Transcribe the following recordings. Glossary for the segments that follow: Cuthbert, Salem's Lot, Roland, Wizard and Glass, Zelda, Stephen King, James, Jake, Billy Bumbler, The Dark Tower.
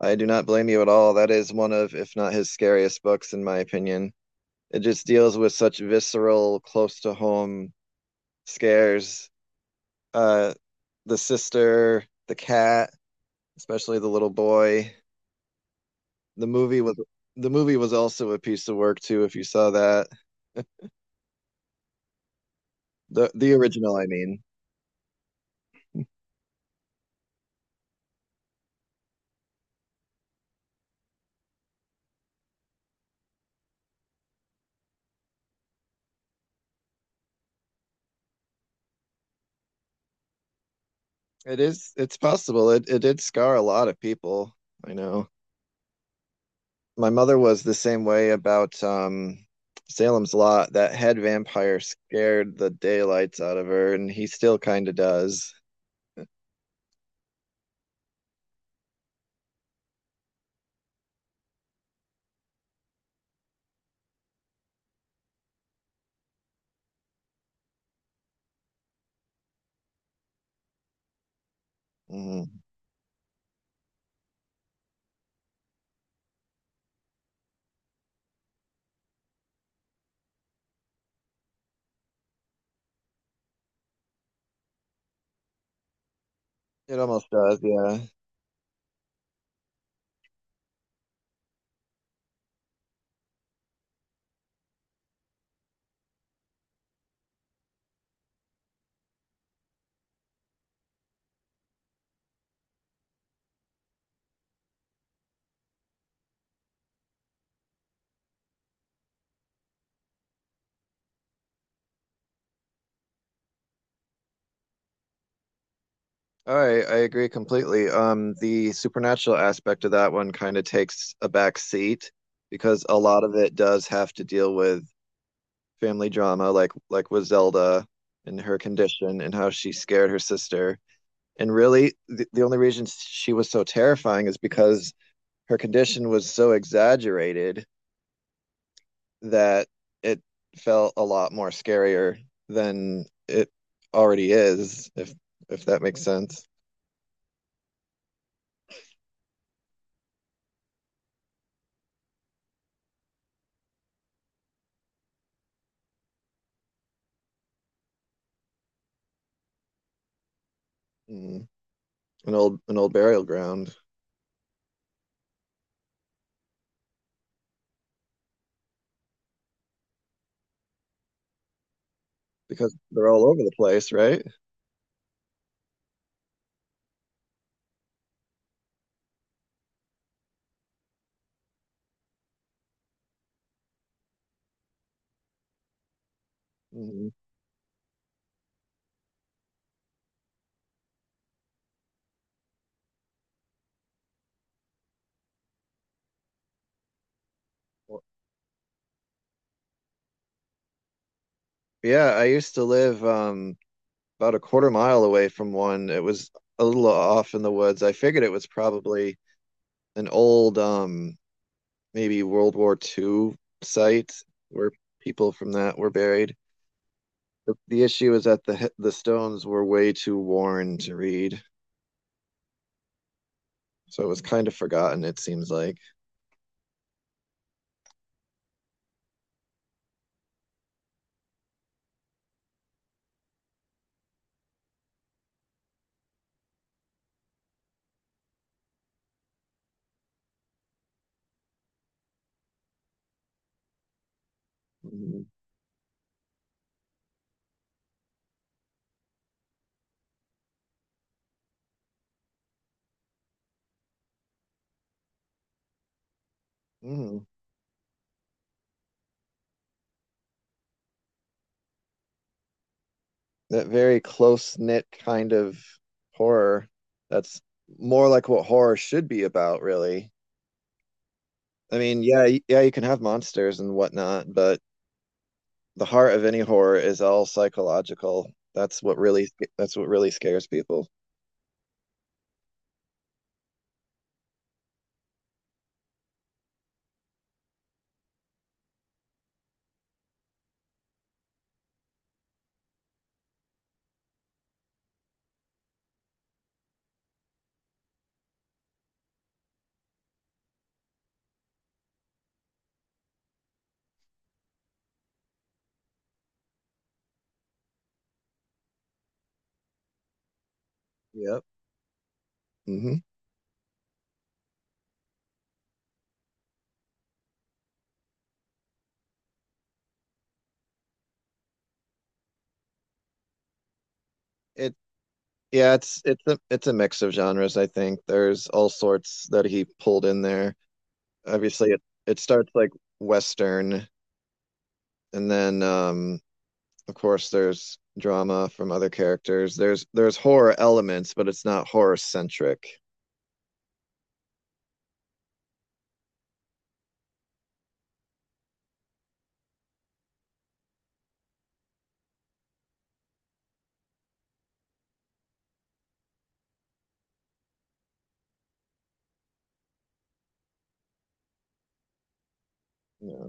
I do not blame you at all. That is one of, if not his scariest books, in my opinion. It just deals with such visceral, close to home scares. Uh, the sister, the cat, especially the little boy. The movie was the movie was also a piece of work too, if you saw that. The original, I mean. It is, it's possible. It did scar a lot of people. I know. My mother was the same way about Salem's Lot. That head vampire scared the daylights out of her, and he still kind of does. Mhm. It almost does, yeah. All right, I agree completely. The supernatural aspect of that one kind of takes a back seat because a lot of it does have to deal with family drama, like with Zelda and her condition and how she scared her sister. And really, the only reason she was so terrifying is because her condition was so exaggerated that it felt a lot more scarier than it already is, if that makes sense. Mm. An old burial ground because they're all over the place, right? Mm. Well, yeah, I used to live about a quarter mile away from one. It was a little off in the woods. I figured it was probably an old, maybe World War II site where people from that were buried. The issue is that the stones were way too worn to read, so it was kind of forgotten. It seems like. Mhm. Mm. That very close knit kind of horror. That's more like what horror should be about, really. I mean, yeah, yeah, you can have monsters and whatnot, but the heart of any horror is all psychological. That's what really scares people. Yep. Hmm. It Yeah, it's it's a mix of genres, I think. There's all sorts that he pulled in there. Obviously it starts like Western, and then of course there's drama from other characters. There's horror elements, but it's not horror centric. Yeah.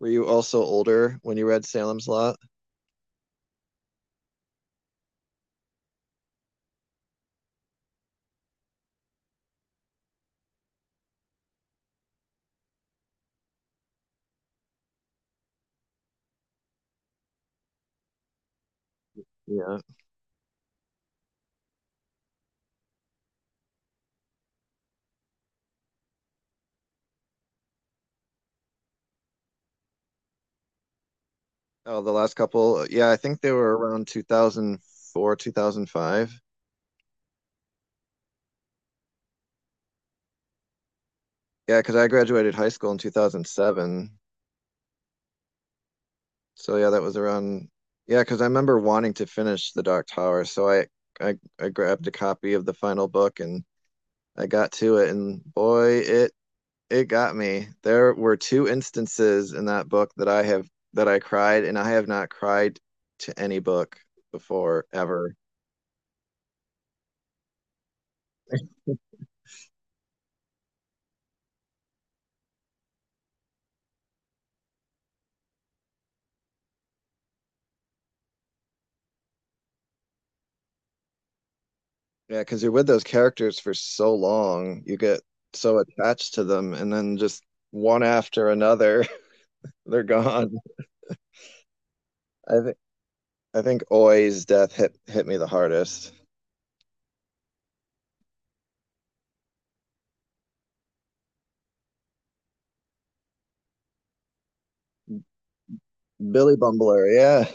Were you also older when you read Salem's Lot? Yeah. Oh, the last couple, yeah, I think they were around 2004, 2005. Yeah, because I graduated high school in 2007. So yeah, that was around, yeah, because I remember wanting to finish The Dark Tower, so I grabbed a copy of the final book and I got to it, and boy, it got me. There were two instances in that book that I have that I cried, and I have not cried to any book before ever. Yeah, because you're with those characters for so long, you get so attached to them, and then just one after another, they're gone. I think I think Oi's death hit me the hardest. Billy Bumbler, yeah.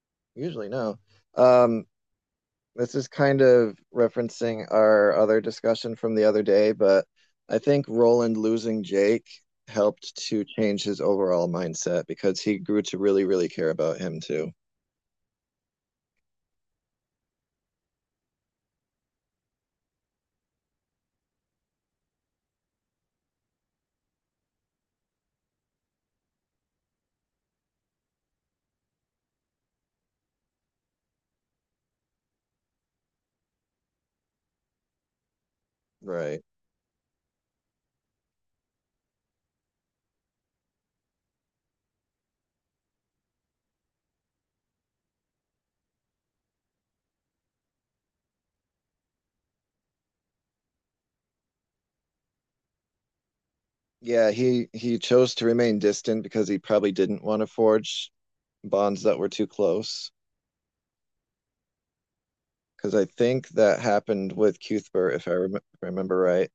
Usually no. Um, this is kind of referencing our other discussion from the other day, but I think Roland losing Jake helped to change his overall mindset because he grew to really, really care about him too. Right. Yeah, he chose to remain distant because he probably didn't want to forge bonds that were too close. Because I think that happened with Cuthbert, if I rem remember right.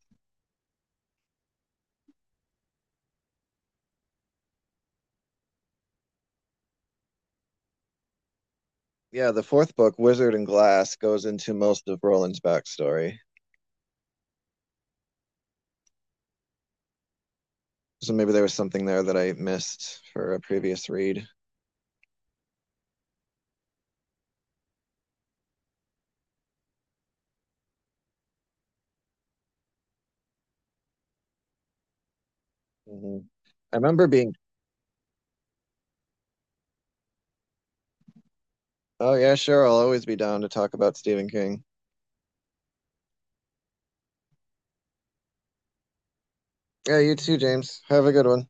Yeah, the fourth book, Wizard and Glass, goes into most of Roland's backstory. So maybe there was something there that I missed for a previous read. Hmm. I remember being, oh yeah, sure, I'll always be down to talk about Stephen King. Yeah, you too, James. Have a good one.